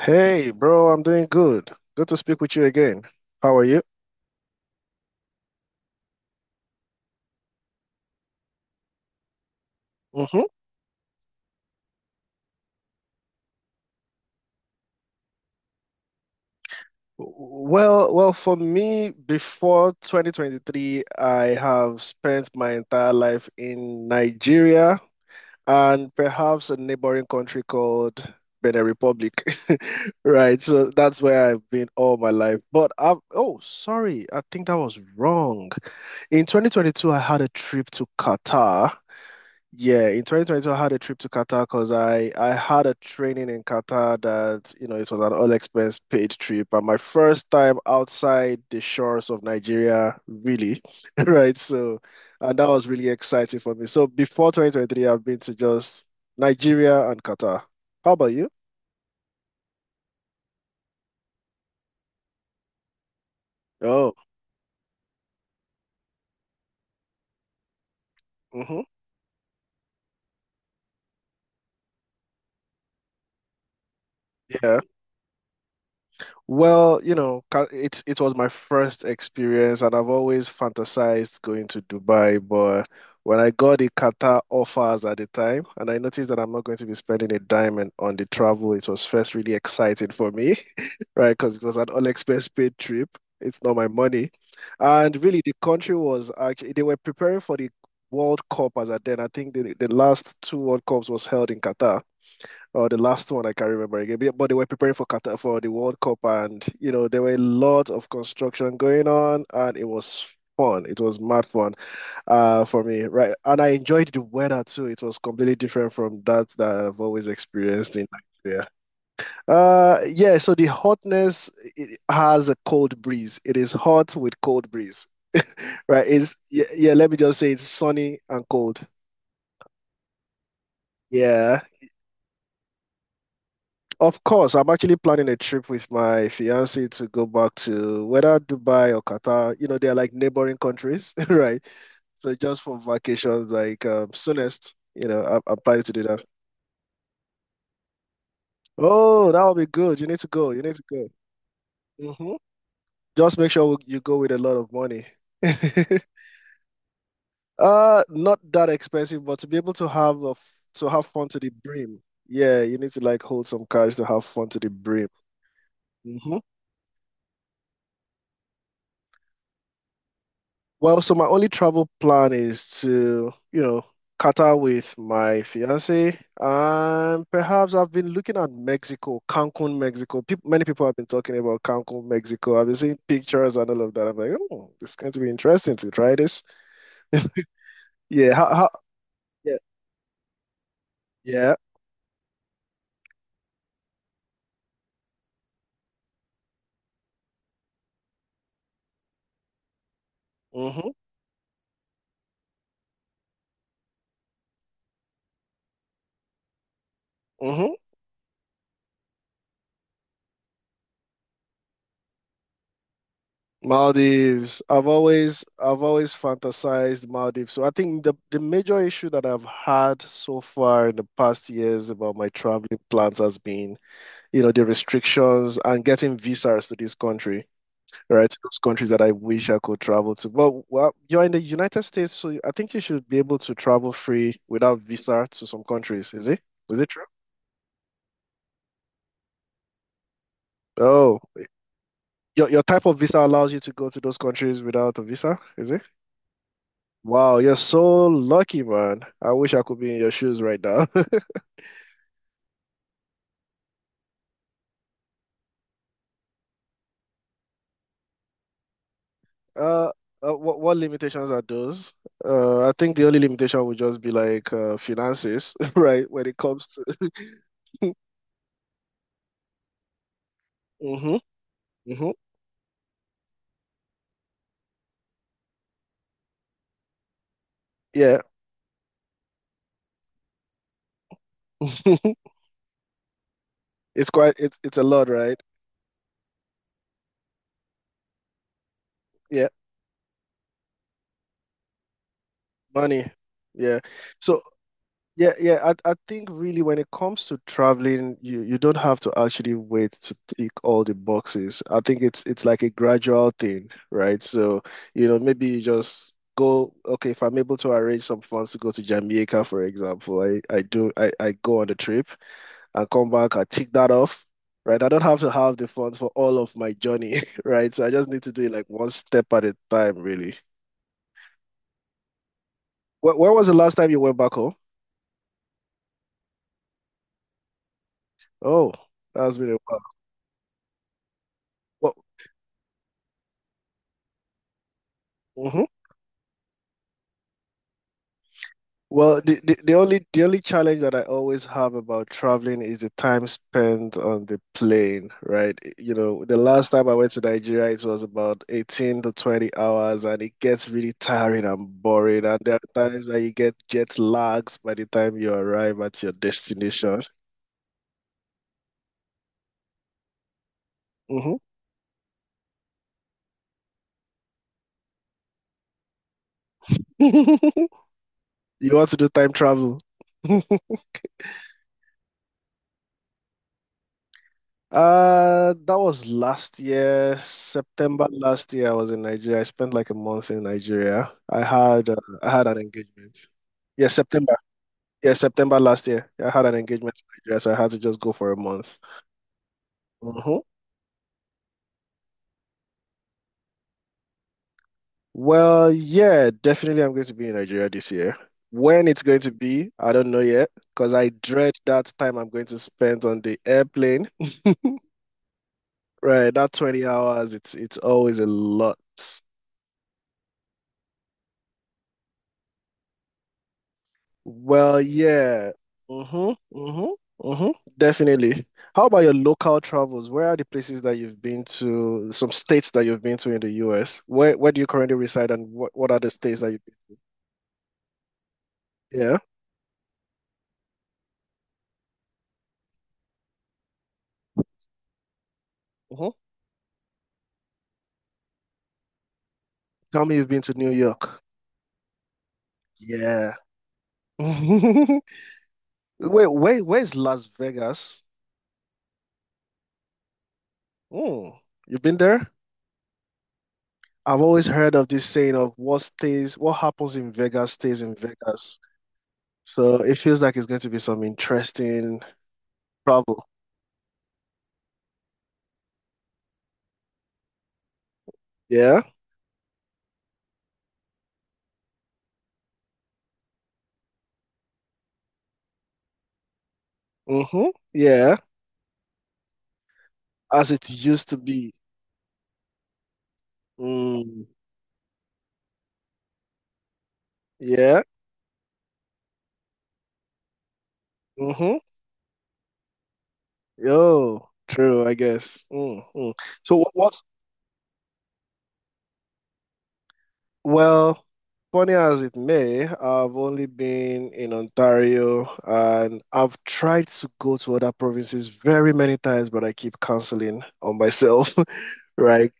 Hey, bro, I'm doing good. Good to speak with you again. How are you? hmm well, for me, before 2023, I have spent my entire life in Nigeria and perhaps a neighboring country called Benin Republic. Right, so that's where I've been all my life. But I've, oh, sorry, I think that was wrong. In 2022, I had a trip to Qatar. Yeah, in 2022, I had a trip to Qatar because I had a training in Qatar that it was an all expense paid trip and my first time outside the shores of Nigeria, really, right? And that was really exciting for me. So before 2023, I've been to just Nigeria and Qatar. How about you? Oh, mm-hmm. Yeah. Well, you know, it was my first experience, and I've always fantasized going to Dubai. But when I got the Qatar offers at the time, and I noticed that I'm not going to be spending a dime and, on the travel, it was first really exciting for me, right? Because it was an all expense paid trip. It's not my money, and really the country was actually they were preparing for the World Cup as at then. I think the last two World Cups was held in Qatar, or the last one I can't remember again. But yeah, but they were preparing for Qatar for the World Cup, and you know there were lots of construction going on, and it was fun. It was mad fun, for me, right? And I enjoyed the weather too. It was completely different from that I've always experienced in Nigeria. Yeah. So the hotness, it has a cold breeze. It is hot with cold breeze, right? It's yeah, yeah. Let me just say it's sunny and cold. Yeah. Of course, I'm actually planning a trip with my fiance to go back to whether Dubai or Qatar. You know, they're like neighboring countries, right? So just for vacations, like soonest, I'm planning to do that. Oh, that would be good. You need to go. You need to go. hmm Just make sure you go with a lot of money. Not that expensive, but to be able to have to have fun to the brim. Yeah, you need to like hold some cash to have fun to the brim. Mm-hmm. Well, so my only travel plan is to, Qatar with my fiance, and perhaps I've been looking at Mexico, Cancun, Mexico. Peop Many people have been talking about Cancun, Mexico. I've been seeing pictures and all of that. I'm like, oh, it's going to be interesting to try this. Yeah, how, how, yeah, yeah. Mm-hmm, mm-hmm. Maldives. I've always fantasized Maldives. So I think the major issue that I've had so far in the past years about my traveling plans has been, you know, the restrictions and getting visas to this country, right? To those countries that I wish I could travel to. But well, you're in the United States, so I think you should be able to travel free without visa to some countries. Is it? Is it true? Oh, your type of visa allows you to go to those countries without a visa, is it? Wow, you're so lucky, man. I wish I could be in your shoes right now. Uh, uh, what limitations are those? I think the only limitation would just be like finances, right? When it comes to hmm Yeah. It's quite it's a lot, right? Yeah, money. Yeah. So yeah, yeah, I think really when it comes to traveling, you don't have to actually wait to tick all the boxes. I think it's like a gradual thing, right? So, you know, maybe you just go, okay, if I'm able to arrange some funds to go to Jamaica, for example, I do I go on the trip, and come back and tick that off, right? I don't have to have the funds for all of my journey, right? So I just need to do it like one step at a time, really. Where was the last time you went back home? Oh, that's been a while. Well, mhm. Well, the only challenge that I always have about traveling is the time spent on the plane, right? You know, the last time I went to Nigeria, it was about 18 to 20 hours, and it gets really tiring and boring. And there are times that you get jet lags by the time you arrive at your destination. hmm You want to do time travel? That was last year, September last year. I was in Nigeria. I spent like a month in Nigeria. I had an engagement. Yeah, September. Yeah, September last year. I had an engagement in Nigeria, so I had to just go for a month. hmm Well, yeah, definitely I'm going to be in Nigeria this year. When it's going to be, I don't know yet, because I dread that time I'm going to spend on the airplane. Right, that 20 hours, it's always a lot. Well, yeah. Mm-hmm. Mm-hmm. Mm-hmm. Definitely. How about your local travels? Where are the places that you've been to, some states that you've been to in the US? Where do you currently reside and what are the states that you've been to? Yeah. Mm-hmm. Tell me you've been to New York. Yeah. Wait, wait, where's Las Vegas? Mm. You've been there? I've always heard of this saying of what stays, what happens in Vegas stays in Vegas. So it feels like it's going to be some interesting travel. Yeah. Mm-hmm. Yeah. As it used to be. Mm. Yeah. Mm-hmm. Yo, true, I guess. Mm-hmm. So what, what's well, funny as it may, I've only been in Ontario and I've tried to go to other provinces very many times, but I keep canceling on myself, right?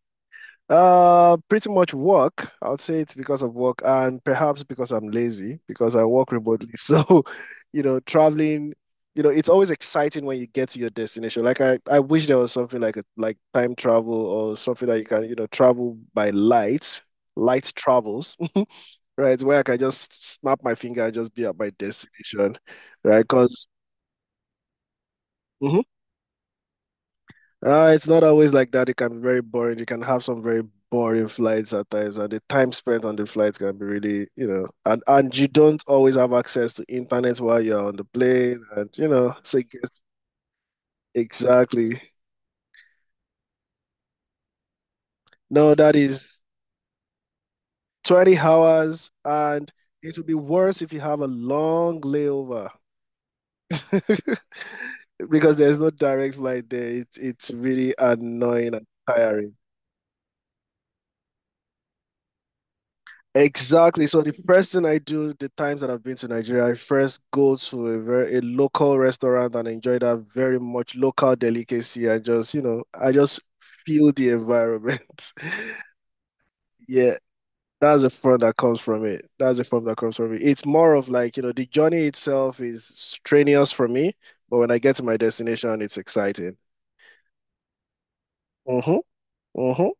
Pretty much work. I would say it's because of work and perhaps because I'm lazy because I work remotely. So, you know, traveling, you know, it's always exciting when you get to your destination. Like I wish there was something like a like time travel or something that you can, you know, travel by light, light travels, right? Where I can just snap my finger and just be at my destination, right? Because it's not always like that. It can be very boring. You can have some very boring flights at times, and the time spent on the flights can be really, you know, and you don't always have access to internet while you're on the plane, and you know, so it gets, exactly. No, that is 20 hours, and it will be worse if you have a long layover because there's no direct flight there. It's really annoying and tiring. Exactly. So the first thing I do the times that I've been to Nigeria, I first go to a very a local restaurant and enjoy that very much local delicacy. I just, you know, I just feel the environment. Yeah, that's the fun that comes from it. That's the fun that comes from it. It's more of like, you know, the journey itself is strenuous for me, but when I get to my destination, it's exciting. Mm-hmm. Mm-hmm.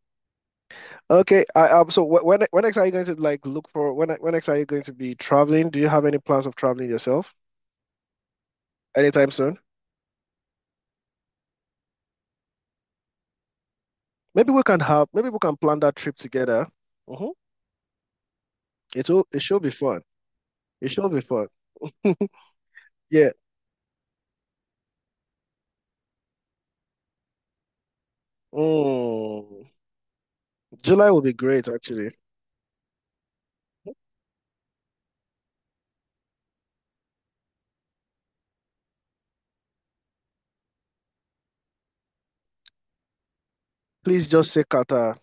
Okay. I. So when next are you going to like look for when next are you going to be traveling? Do you have any plans of traveling yourself? Anytime soon. Maybe we can have, maybe we can plan that trip together. Mm-hmm. It'll, it should be fun. It should be fun. Yeah. Mm. July will be great, actually. Please just say Qatar.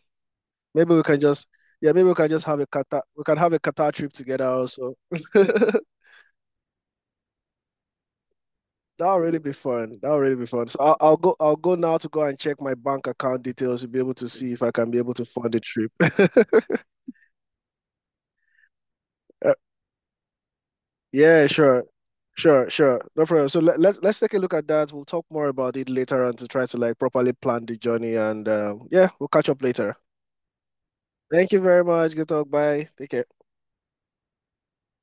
Maybe we can just, yeah, maybe we can just have a Qatar. We can have a Qatar trip together also. That'll really be fun. That'll really be fun. So I'll go. I'll go now to go and check my bank account details to be able to see if I can be able to fund the trip. All Yeah, sure. Sure, sure. No problem. So let's take a look at that. We'll talk more about it later on to try to like properly plan the journey and yeah, we'll catch up later. Thank you very much. Good talk. Bye. Take care.